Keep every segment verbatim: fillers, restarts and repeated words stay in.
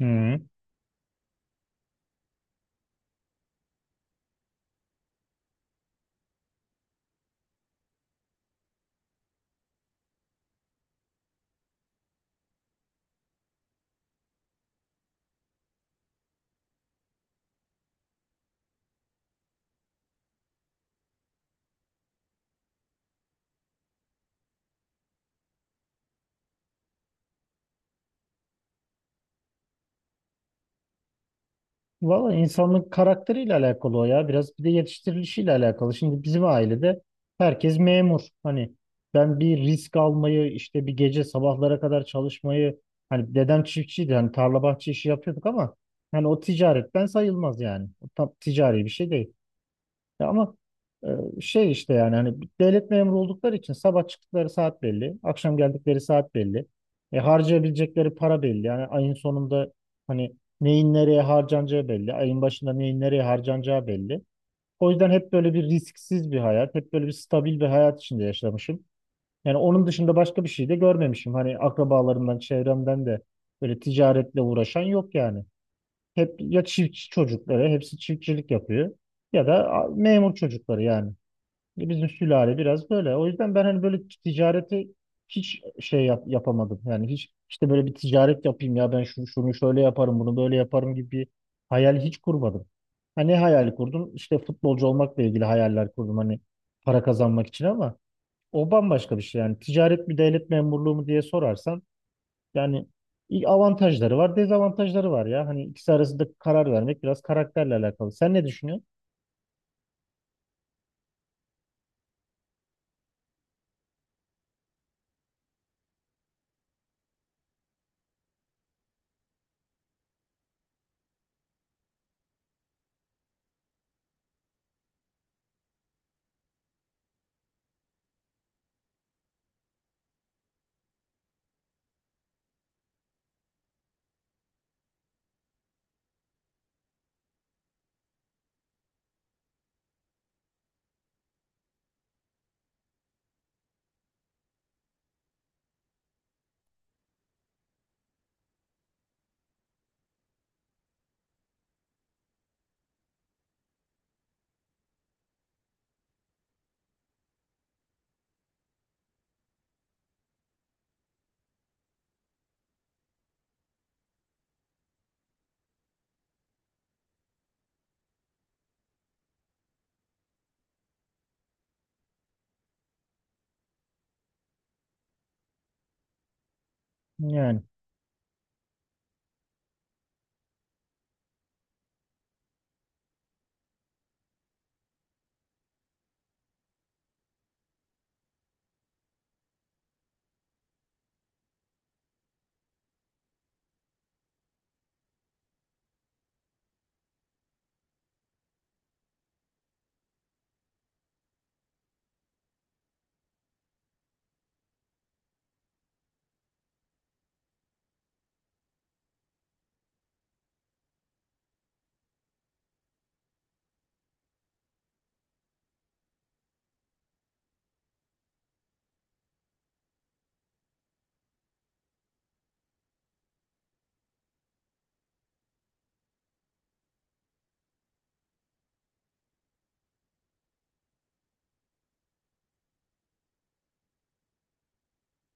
Hı. Valla insanın karakteriyle alakalı o ya. Biraz bir de yetiştirilişiyle alakalı. Şimdi bizim ailede herkes memur. Hani ben bir risk almayı işte bir gece sabahlara kadar çalışmayı hani dedem çiftçiydi. Hani tarla bahçe işi yapıyorduk ama hani o ticaretten sayılmaz yani. O tam ticari bir şey değil. Ya ama e, şey işte yani hani bir devlet memuru oldukları için sabah çıktıkları saat belli, akşam geldikleri saat belli. E, harcayabilecekleri para belli. Yani ayın sonunda hani neyin nereye harcanacağı belli. Ayın başında neyin nereye harcanacağı belli. O yüzden hep böyle bir risksiz bir hayat, hep böyle bir stabil bir hayat içinde yaşamışım. Yani onun dışında başka bir şey de görmemişim. Hani akrabalarımdan, çevremden de böyle ticaretle uğraşan yok yani. Hep ya çiftçi çocukları, hepsi çiftçilik yapıyor ya da a- memur çocukları yani. Bizim sülale biraz böyle. O yüzden ben hani böyle ticareti hiç şey yap, yapamadım. Yani hiç işte böyle bir ticaret yapayım ya ben şunu, şunu şöyle yaparım bunu böyle yaparım gibi bir hayal hiç kurmadım. Hani ne hayali kurdum? İşte futbolcu olmakla ilgili hayaller kurdum hani para kazanmak için ama o bambaşka bir şey. Yani ticaret mi devlet memurluğu mu diye sorarsan yani iyi avantajları var, dezavantajları var ya. Hani ikisi arasında karar vermek biraz karakterle alakalı. Sen ne düşünüyorsun? Yani.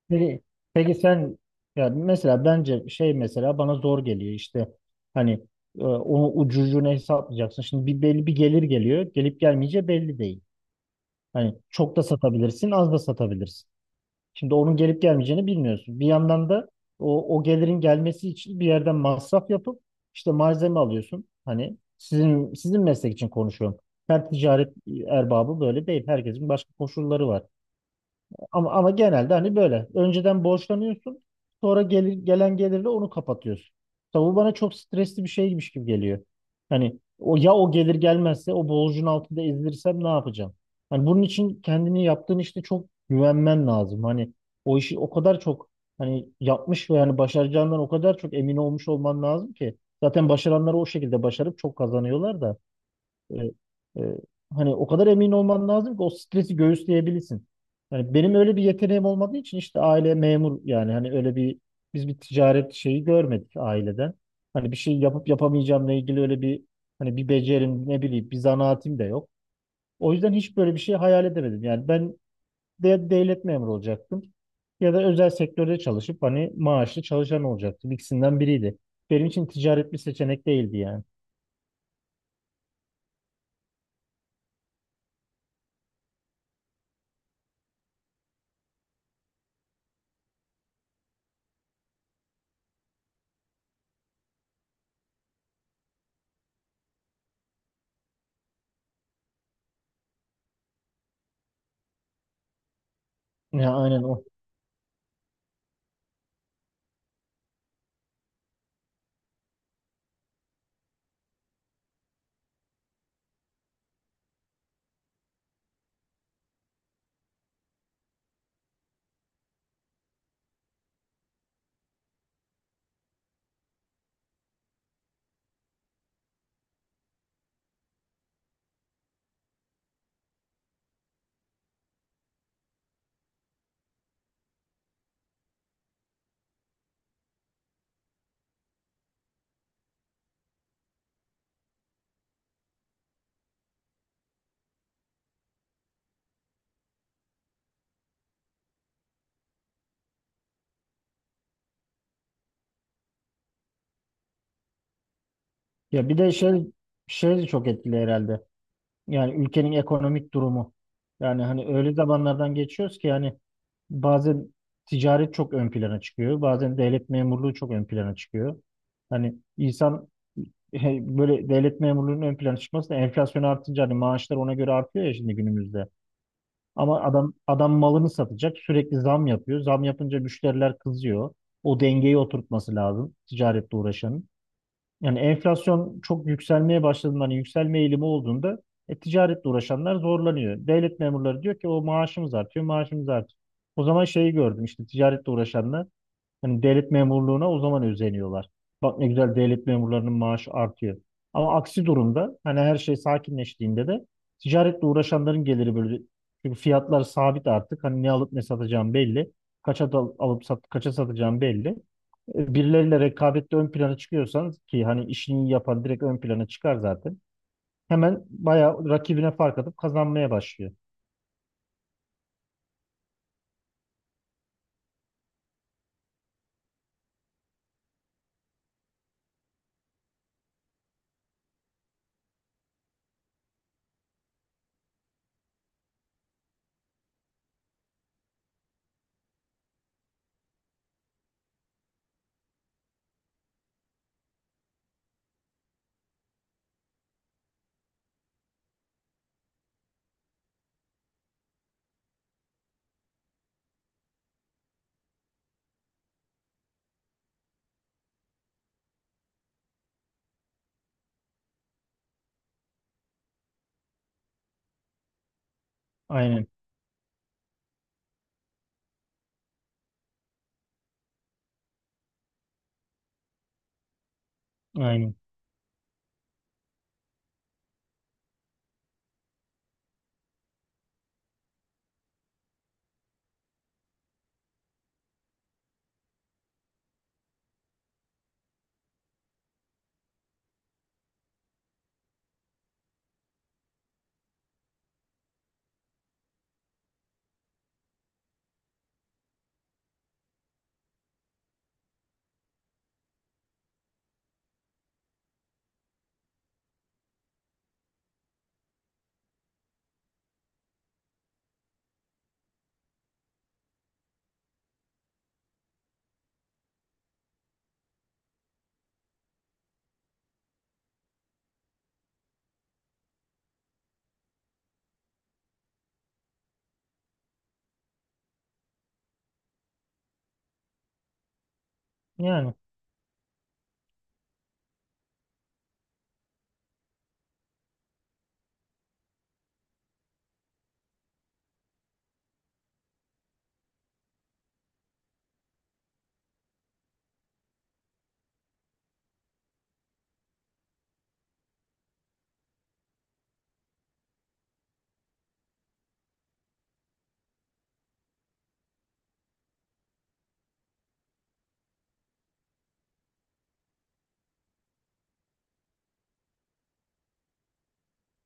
Peki, peki sen ya mesela bence şey mesela bana zor geliyor işte hani e, onu ucucuna hesaplayacaksın. Şimdi bir belli bir gelir geliyor. Gelip gelmeyeceği belli değil. Hani çok da satabilirsin, az da satabilirsin. Şimdi onun gelip gelmeyeceğini bilmiyorsun. Bir yandan da o, o gelirin gelmesi için bir yerden masraf yapıp işte malzeme alıyorsun. Hani sizin sizin meslek için konuşuyorum. Her ticaret erbabı böyle değil. Herkesin başka koşulları var. Ama ama genelde hani böyle. Önceden borçlanıyorsun. Sonra gelir, gelen gelirle onu kapatıyorsun. Tabi bu bana çok stresli bir şeymiş gibi geliyor. Hani o ya o gelir gelmezse o borcun altında ezilirsem ne yapacağım? Hani bunun için kendini yaptığın işte çok güvenmen lazım. Hani o işi o kadar çok hani yapmış ve yani başaracağından o kadar çok emin olmuş olman lazım ki. Zaten başaranlar o şekilde başarıp çok kazanıyorlar da. E, e, Hani o kadar emin olman lazım ki o stresi göğüsleyebilirsin. Yani benim öyle bir yeteneğim olmadığı için işte aile memur yani hani öyle bir biz bir ticaret şeyi görmedik aileden. Hani bir şey yapıp yapamayacağımla ilgili öyle bir hani bir becerim, ne bileyim, bir zanaatim de yok. O yüzden hiç böyle bir şey hayal edemedim. Yani ben de devlet memuru olacaktım ya da özel sektörde çalışıp hani maaşlı çalışan olacaktım. İkisinden biriydi. Benim için ticaret bir seçenek değildi yani. Ya aynen. Ya bir de şey şey de çok etkili herhalde. Yani ülkenin ekonomik durumu. Yani hani öyle zamanlardan geçiyoruz ki yani bazen ticaret çok ön plana çıkıyor. Bazen devlet memurluğu çok ön plana çıkıyor. Hani insan he- böyle devlet memurluğunun ön plana çıkması da enflasyon artınca hani maaşlar ona göre artıyor ya şimdi günümüzde. Ama adam adam malını satacak, sürekli zam yapıyor. Zam yapınca müşteriler kızıyor. O dengeyi oturtması lazım ticaretle uğraşanın. Yani enflasyon çok yükselmeye başladığında, hani yükselme eğilimi olduğunda e, ticaretle uğraşanlar zorlanıyor. Devlet memurları diyor ki o maaşımız artıyor, maaşımız artıyor. O zaman şeyi gördüm işte ticaretle uğraşanlar hani devlet memurluğuna o zaman özeniyorlar. Bak ne güzel, devlet memurlarının maaşı artıyor. Ama aksi durumda hani her şey sakinleştiğinde de ticaretle uğraşanların geliri böyle, çünkü fiyatlar sabit artık. Hani ne alıp ne satacağım belli. Kaça da alıp sat, kaça satacağım belli. E, birileriyle rekabette ön plana çıkıyorsanız ki hani işini iyi yapan direkt ön plana çıkar zaten. Hemen bayağı rakibine fark atıp kazanmaya başlıyor. Aynen, aynen. Yani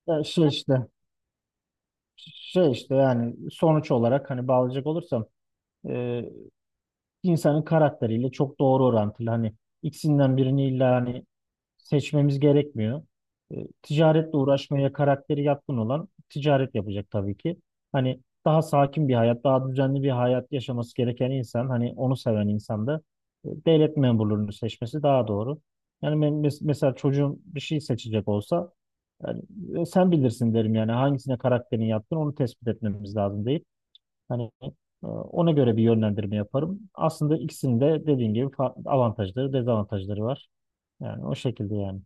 ya şey işte şey işte yani sonuç olarak hani bağlayacak olursam e, insanın karakteriyle çok doğru orantılı. Hani ikisinden birini illa hani seçmemiz gerekmiyor. E, ticaretle uğraşmaya karakteri yatkın olan ticaret yapacak tabii ki. Hani daha sakin bir hayat, daha düzenli bir hayat yaşaması gereken insan, hani onu seven insan da e, devlet memurluğunu seçmesi daha doğru. Yani ben mes- mesela çocuğum bir şey seçecek olsa yani e, sen bilirsin derim yani, hangisine karakterin yatkın onu tespit etmemiz lazım değil. Hani e, ona göre bir yönlendirme yaparım. Aslında ikisinin de dediğim gibi fa- avantajları, dezavantajları var. Yani o şekilde yani.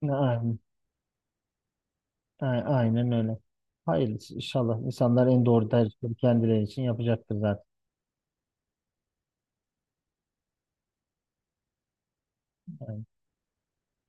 Ne- Aynen, a- aynen öyle. Hayırlısı inşallah. İnsanlar en doğru tercihleri kendileri için yapacaktır zaten.